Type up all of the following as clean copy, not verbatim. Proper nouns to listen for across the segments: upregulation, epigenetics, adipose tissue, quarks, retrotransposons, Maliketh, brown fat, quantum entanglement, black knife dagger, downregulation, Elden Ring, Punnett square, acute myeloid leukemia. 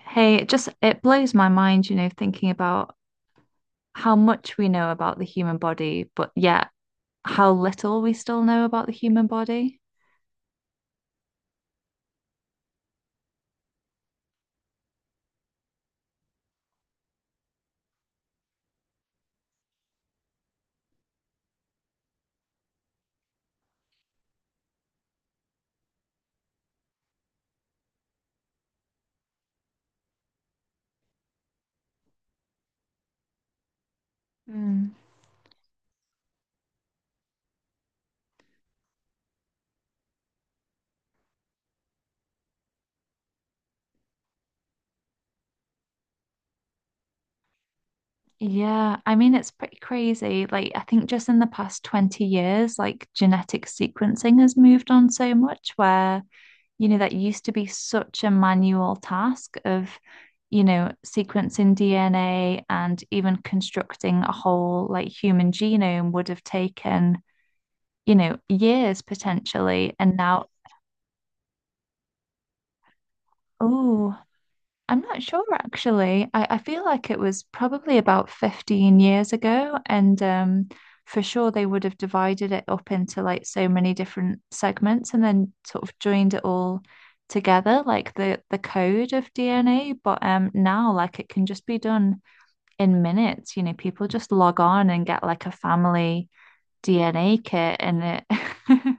Hey, it just it blows my mind, you know, thinking about how much we know about the human body, but yet how little we still know about the human body. Mm. Yeah, I mean it's pretty crazy. Like I think just in the past 20 years, like genetic sequencing has moved on so much where, you know, that used to be such a manual task of, you know, sequencing DNA and even constructing a whole like human genome would have taken you know, years potentially. And now, oh, I'm not sure actually. I feel like it was probably about 15 years ago. And for sure, they would have divided it up into like so many different segments and then sort of joined it all together, like the code of DNA. But now, like, it can just be done in minutes. You know, people just log on and get like a family DNA kit and it.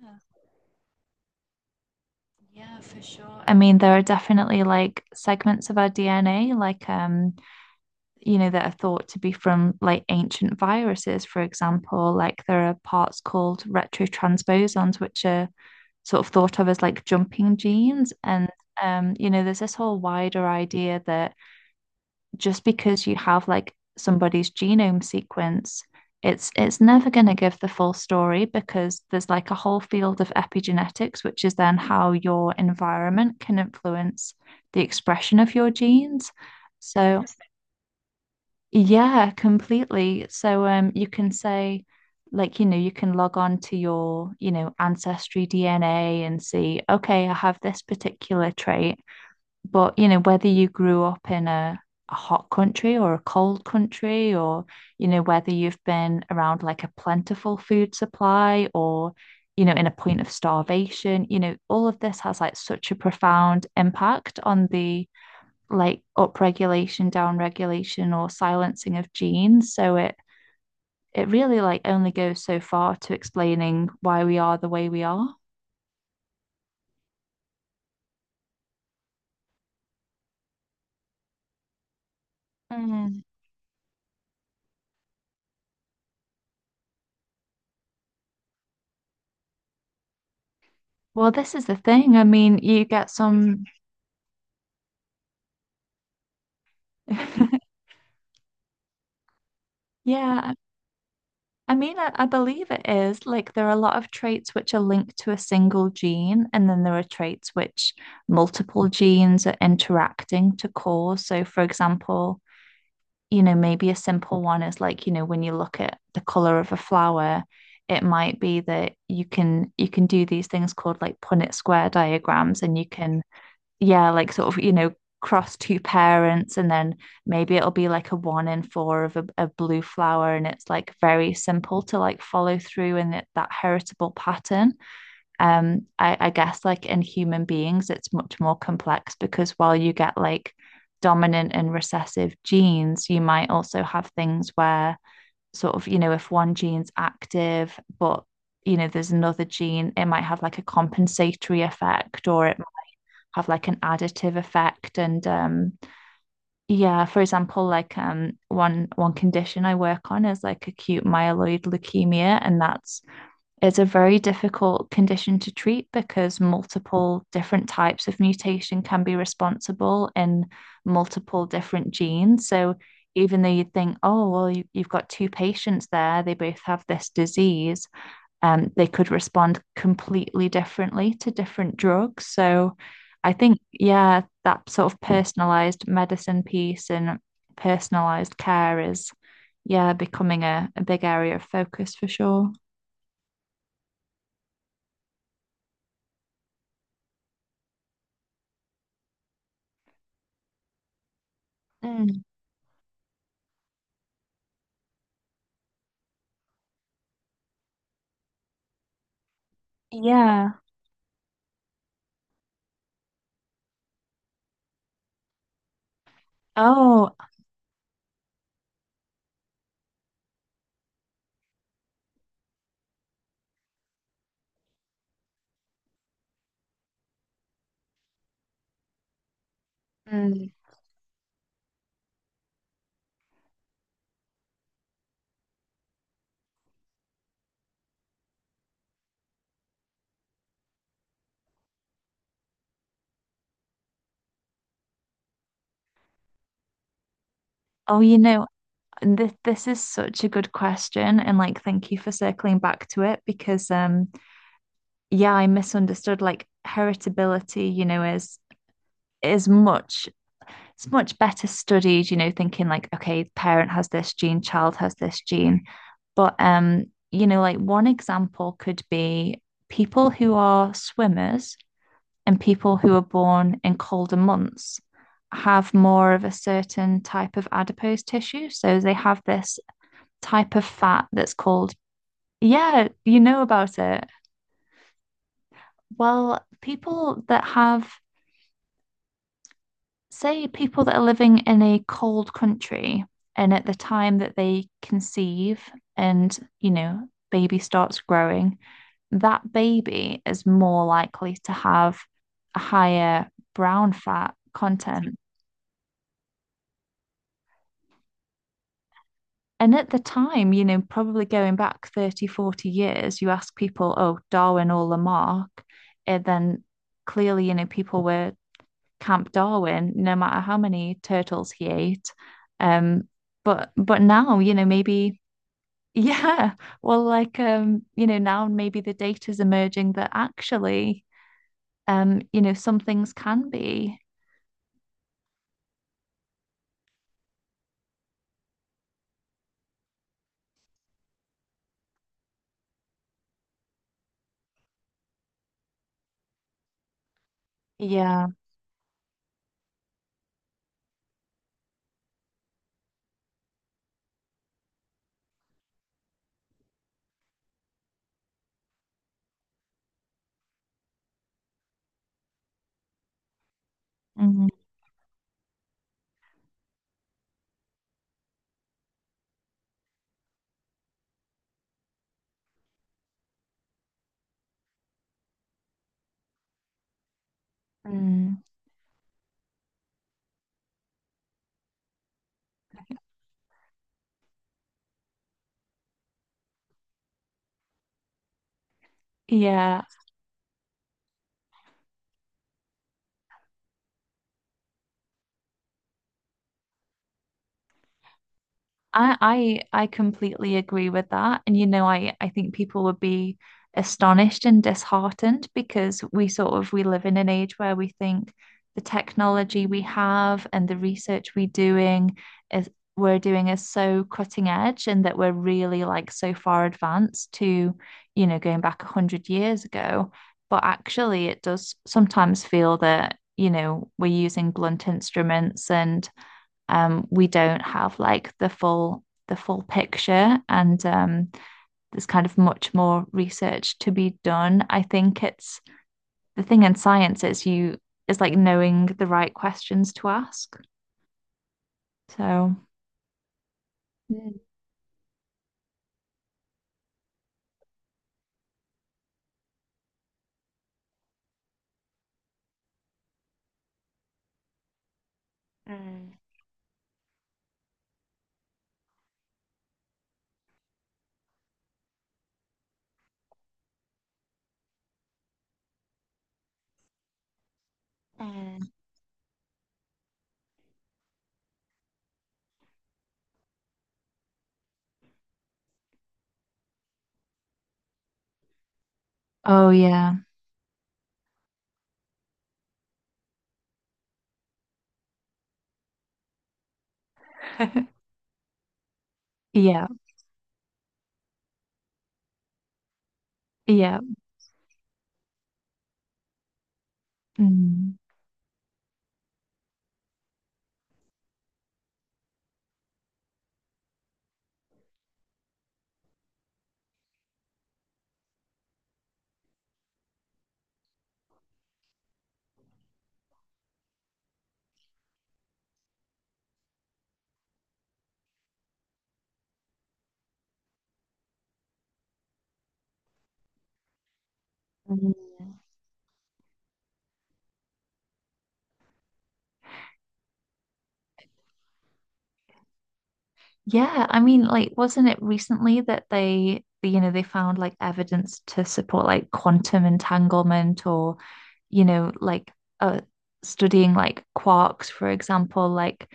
Yeah. Yeah, for sure. I mean, there are definitely like segments of our DNA, like you know, that are thought to be from like ancient viruses, for example. Like there are parts called retrotransposons, which are sort of thought of as like jumping genes. And you know, there's this whole wider idea that just because you have like somebody's genome sequence, it's never going to give the full story because there's like a whole field of epigenetics, which is then how your environment can influence the expression of your genes. So, yeah, completely. So, you can say like you know you can log on to your you know ancestry DNA and see okay I have this particular trait but, you know, whether you grew up in a hot country or a cold country, or, you know, whether you've been around like a plentiful food supply or, you know, in a point of starvation, you know, all of this has like such a profound impact on the like upregulation, downregulation, or silencing of genes. So it really like only goes so far to explaining why we are the way we are. Mm. Well, this is the thing. I mean, you get some, yeah. I mean, I believe it is. Like, there are a lot of traits which are linked to a single gene, and then there are traits which multiple genes are interacting to cause. So, for example, you know, maybe a simple one is like, you know, when you look at the color of a flower, it might be that you can do these things called like Punnett square diagrams, and you can yeah, like sort of, you know, cross two parents, and then maybe it'll be like a one in four of a blue flower, and it's like very simple to like follow through in it, that heritable pattern. I guess like in human beings, it's much more complex because while you get like dominant and recessive genes, you might also have things where sort of, you know, if one gene's active, but you know, there's another gene, it might have like a compensatory effect, or it have like an additive effect and yeah for example like one condition I work on is like acute myeloid leukemia and that's it's a very difficult condition to treat because multiple different types of mutation can be responsible in multiple different genes so even though you'd think oh well you, you've got two patients there they both have this disease they could respond completely differently to different drugs. So I think, yeah, that sort of personalized medicine piece and personalized care is, yeah, becoming a big area of focus for sure. Mm, yeah. Oh, mm. Oh, you know, this is such a good question, and like, thank you for circling back to it because, yeah, I misunderstood like heritability, you know, is much it's much better studied, you know, thinking like, okay, parent has this gene, child has this gene. But you know, like one example could be people who are swimmers and people who are born in colder months have more of a certain type of adipose tissue. So they have this type of fat that's called, yeah, you know about it. Well, people that have say people that are living in a cold country and at the time that they conceive and you know baby starts growing that baby is more likely to have a higher brown fat content and at the time you know probably going back 30, 40 years you ask people oh Darwin or Lamarck and then clearly you know people were Camp Darwin, no matter how many turtles he ate. Um, but now, you know, maybe yeah, well, like you know, now maybe the data's emerging that actually, you know, some things can be. Yeah. Mhm. Mm. Yeah. I I completely agree with that. And you know, I think people would be astonished and disheartened because we sort of we live in an age where we think the technology we have and the research we doing is we're doing is so cutting edge and that we're really like so far advanced to, you know, going back 100 years ago. But actually it does sometimes feel that, you know, we're using blunt instruments and we don't have like the full picture and there's kind of much more research to be done I think it's the thing in science is you is like knowing the right questions to ask so À, oh yeah yeah yeah mm. Yeah, I mean, like, wasn't it recently that they, you know, they found like evidence to support like quantum entanglement or, you know, like uh, studying like quarks, for example, like,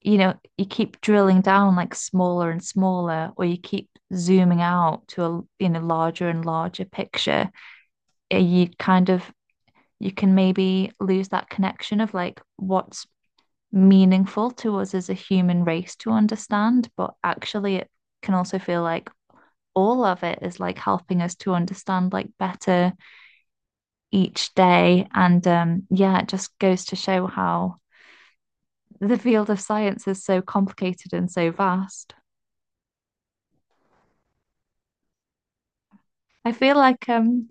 you know, you keep drilling down like smaller and smaller, or you keep zooming out to a, you know, larger and larger picture, eh, you can maybe lose that connection of like what's meaningful to us as a human race to understand, but actually it can also feel like all of it is like helping us to understand like better each day. And yeah, it just goes to show how the field of science is so complicated and so vast. I feel like um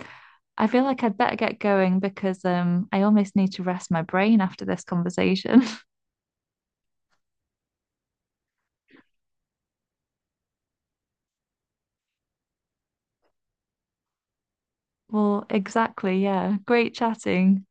I feel like I'd better get going because I almost need to rest my brain after this conversation. well, exactly, yeah. Great chatting.